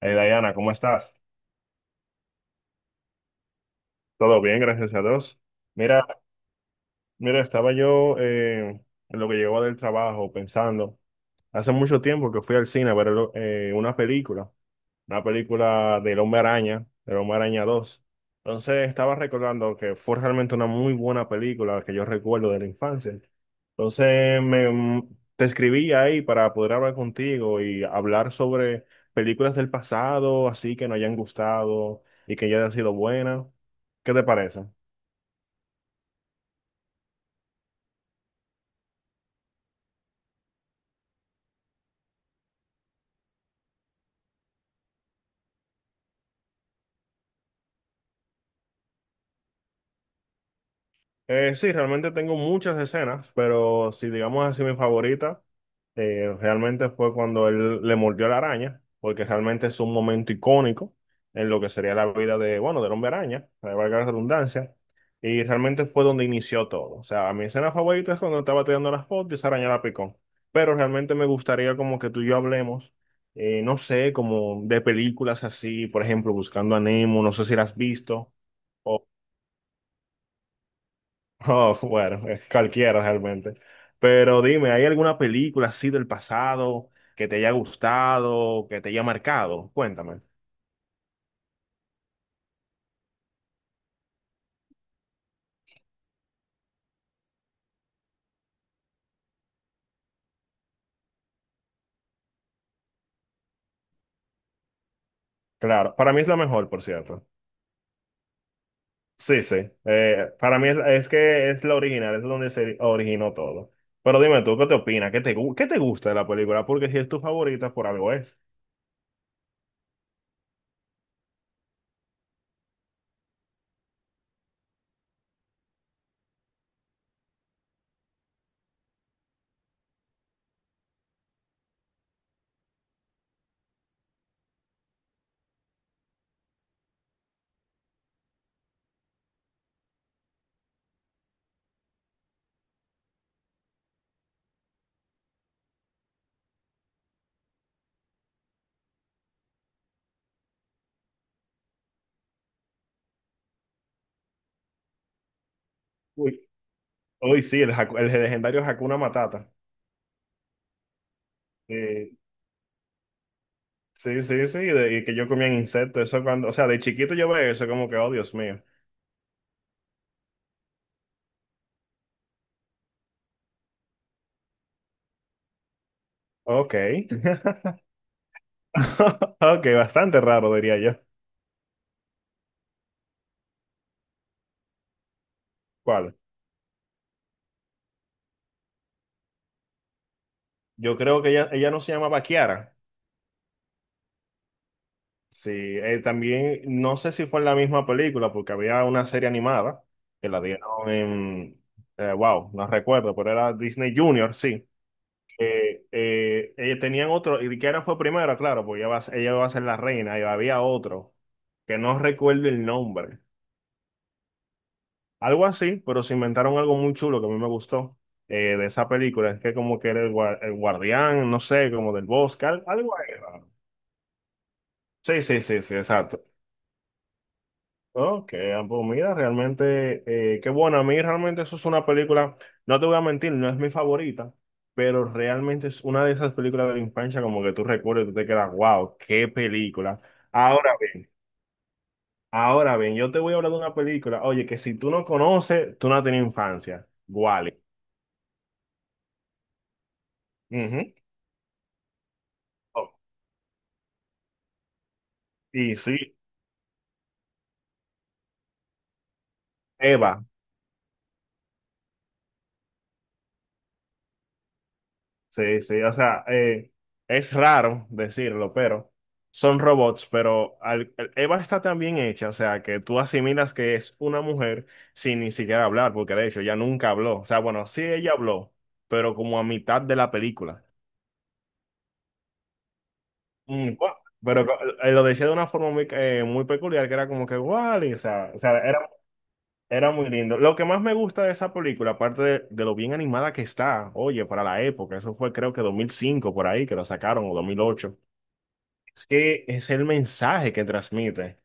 Hey Diana, ¿cómo estás? Todo bien, gracias a Dios. Mira, mira, estaba yo en lo que llegó del trabajo pensando, hace mucho tiempo que fui al cine a ver eh, una película una película del Hombre Araña dos. Entonces estaba recordando que fue realmente una muy buena película que yo recuerdo de la infancia. Entonces te escribí ahí para poder hablar contigo y hablar sobre películas del pasado, así que nos hayan gustado y que ya hayan sido buenas. ¿Qué te parece? Sí, realmente tengo muchas escenas, pero si digamos así mi favorita, realmente fue cuando él le mordió la araña, porque realmente es un momento icónico en lo que sería la vida de, bueno, del hombre araña, para valga la redundancia, y realmente fue donde inició todo. O sea, mi escena favorita es cuando estaba tirando las fotos y esa araña la picó. Pero realmente me gustaría como que tú y yo hablemos, no sé, como de películas así, por ejemplo, Buscando a Nemo, no sé si la has visto. Oh, bueno, es cualquiera realmente. Pero dime, ¿hay alguna película así del pasado que te haya gustado, que te haya marcado? Cuéntame. Claro, para mí es la mejor, por cierto. Sí, sí. Eh, es que es la original, es donde se originó todo. Pero dime tú, ¿qué te opinas? ¿Qué te, qué te gusta de la película? Porque si es tu favorita, por algo es. Uy, uy, sí, el, el legendario Hakuna Matata. Eh, sí, sí, sí, y que yo comía insectos, eso cuando, o sea, de chiquito yo veía eso como que, oh, Dios mío. Ok. Ok, bastante raro, diría yo. ¿Cuál? Yo creo que ella no se llamaba Kiara. Sí, también no sé si fue en la misma película, porque había una serie animada que la dieron en. Wow, no recuerdo, pero era Disney Junior, sí. Tenían otro, y Kiara fue primero, claro, porque ella va, ella va a ser la reina, y había otro, que no recuerdo el nombre. Algo así, pero se inventaron algo muy chulo que a mí me gustó de esa película. Es que como que era el, el guardián, no sé, como del bosque, algo ahí raro. Sí, sí, sí, sí, exacto. Ok, ah, pues mira, realmente, qué bueno. A mí realmente eso es una película, no te voy a mentir, no es mi favorita, pero realmente es una de esas películas de la infancia como que tú recuerdas y tú te quedas, wow, qué película. Ahora bien, ahora bien, yo te voy a hablar de una película, oye, que si tú no conoces, tú no has tenido infancia. Wally. Y sí, Eva, sí, sí, o sea, es raro decirlo, pero son robots, pero Eva está tan bien hecha, o sea, que tú asimilas que es una mujer sin ni siquiera hablar, porque de hecho ella nunca habló, o sea, bueno, sí ella habló, pero como a mitad de la película. Mm, gua- pero co- lo decía de una forma muy, muy peculiar, que era como que, guau, y, o sea, era. Era muy lindo. Lo que más me gusta de esa película, aparte de lo bien animada que está, oye, para la época, eso fue creo que 2005 por ahí que la sacaron o 2008. Es que es el mensaje que transmite.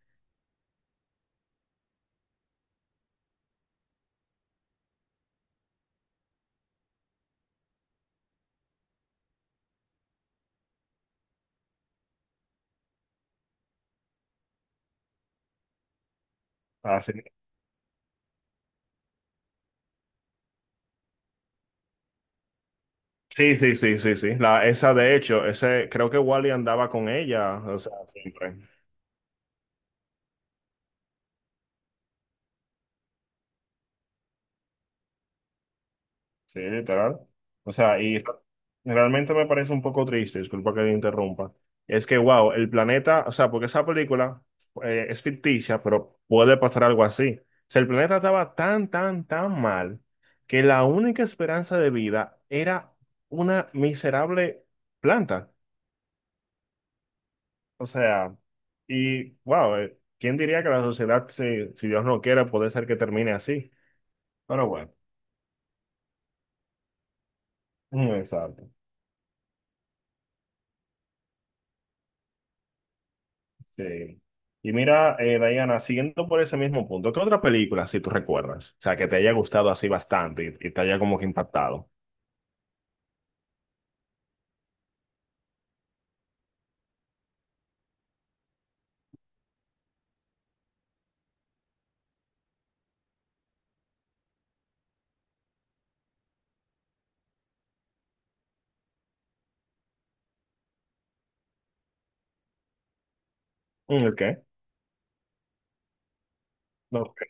Ah, sí. Sí, sí, sí, sí, sí. La, esa de hecho, ese creo que Wally andaba con ella, o sea, siempre. Sí, literal. O sea, y realmente me parece un poco triste, disculpa que te interrumpa. Es que, wow, el planeta, o sea, porque esa película es ficticia, pero puede pasar algo así. O sea, el planeta estaba tan, tan, tan mal que la única esperanza de vida era una miserable planta. O sea, y wow, ¿quién diría que la sociedad, si, si Dios no quiera puede ser que termine así? Pero bueno, exacto. Sí. Y mira, Diana, siguiendo por ese mismo punto, ¿qué otra película, si tú recuerdas? O sea, que te haya gustado así bastante y te haya como que impactado. Mm, ¿el qué? No, ok.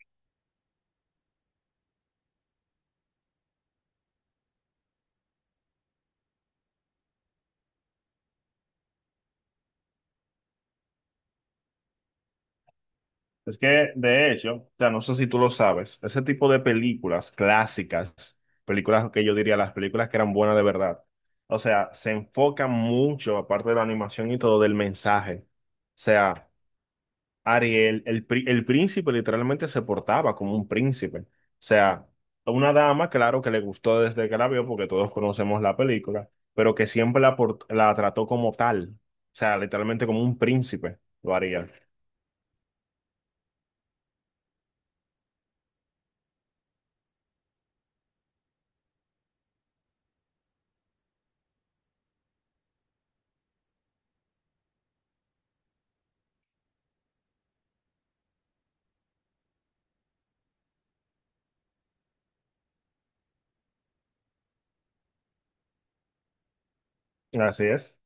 Es que, de hecho, o sea, no sé si tú lo sabes, ese tipo de películas clásicas, películas que yo diría las películas que eran buenas de verdad, o sea, se enfocan mucho, aparte de la animación y todo, del mensaje. O sea, Ariel, el, el príncipe literalmente se portaba como un príncipe. O sea, una dama, claro que le gustó desde que la vio, porque todos conocemos la película, pero que siempre la, la trató como tal. O sea, literalmente como un príncipe lo haría. Así es.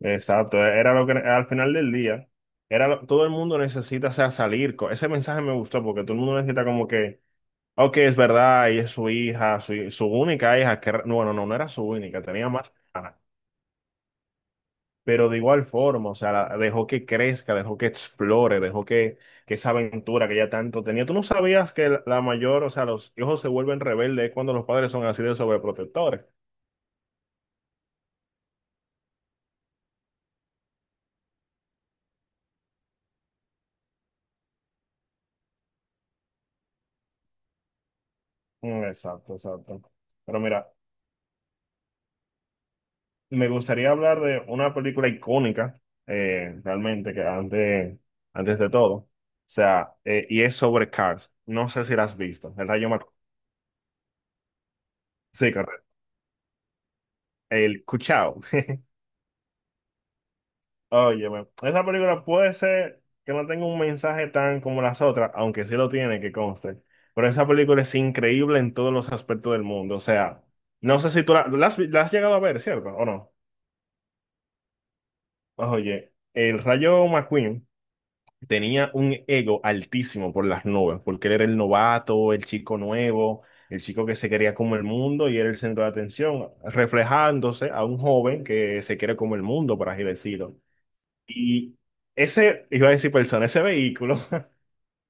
Exacto. Era lo que al final del día, todo el mundo necesita, o sea, salir. Ese mensaje me gustó porque todo el mundo necesita como que, ok, es verdad, y es su hija, su única hija, que, bueno, no, no era su única, tenía más. Pero de igual forma, o sea, dejó que crezca, dejó que explore, dejó que esa aventura que ella tanto tenía. Tú no sabías que la mayor, o sea, los hijos se vuelven rebeldes cuando los padres son así de sobreprotectores. Mm, exacto, exacto. Pero mira, me gustaría hablar de una película icónica, realmente, que antes, antes de todo, o sea, y es sobre Cars. No sé si la has visto, El Rayo McQueen. Sí, correcto. El Cuchao. Óyeme, esa película puede ser que no tenga un mensaje tan como las otras, aunque sí lo tiene, que conste. Pero esa película es increíble en todos los aspectos del mundo. O sea, no sé si tú la, la has llegado a ver, ¿cierto? ¿O no? Pues, oye, el Rayo McQueen tenía un ego altísimo por las nubes, porque él era el novato, el chico nuevo, el chico que se quería como el mundo y era el centro de atención, reflejándose a un joven que se quiere como el mundo, por así decirlo. Y ese, iba a decir persona, ese vehículo,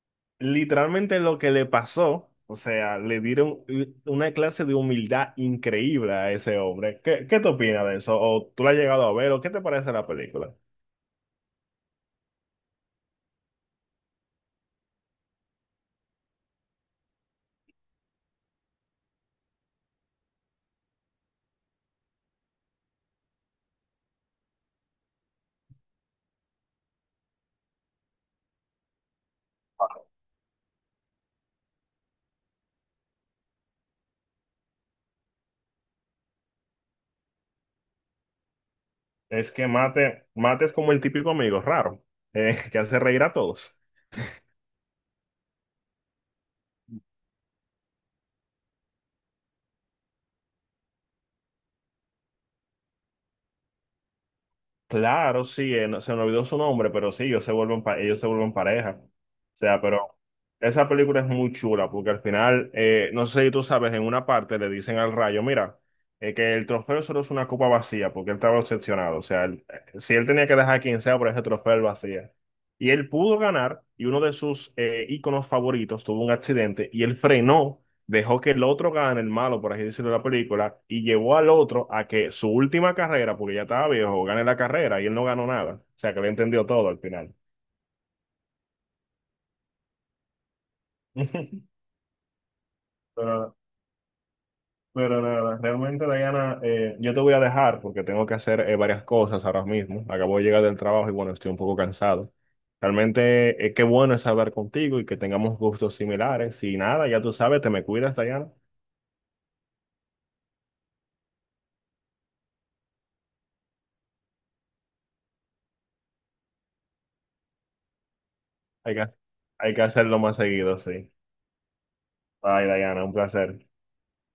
literalmente lo que le pasó, o sea, le dieron una clase de humildad increíble a ese hombre. ¿Qué, qué te opinas de eso? ¿O tú la has llegado a ver? ¿O qué te parece la película? Es que Mate, Mate es como el típico amigo raro, que hace reír a todos. Claro, sí, se me olvidó su nombre, pero sí, ellos se vuelven, ellos se vuelven pareja. O sea, pero esa película es muy chula porque al final, no sé si tú sabes, en una parte le dicen al Rayo, mira, que el trofeo solo es una copa vacía porque él estaba obsesionado. O sea, si él tenía que dejar quien sea por ese trofeo él lo hacía. Y él pudo ganar y uno de sus íconos favoritos tuvo un accidente y él frenó, dejó que el otro gane, el malo, por así decirlo, de la película, y llevó al otro a que su última carrera, porque ya estaba viejo, gane la carrera y él no ganó nada. O sea, que lo entendió todo al final. Pero, pero nada, realmente, Diana, yo te voy a dejar porque tengo que hacer varias cosas ahora mismo. Acabo de llegar del trabajo y bueno, estoy un poco cansado. Realmente, qué bueno es hablar contigo y que tengamos gustos similares. Y nada, ya tú sabes, te me cuidas, Diana. Hay que, hay que hacerlo más seguido, sí. Bye, Diana, un placer.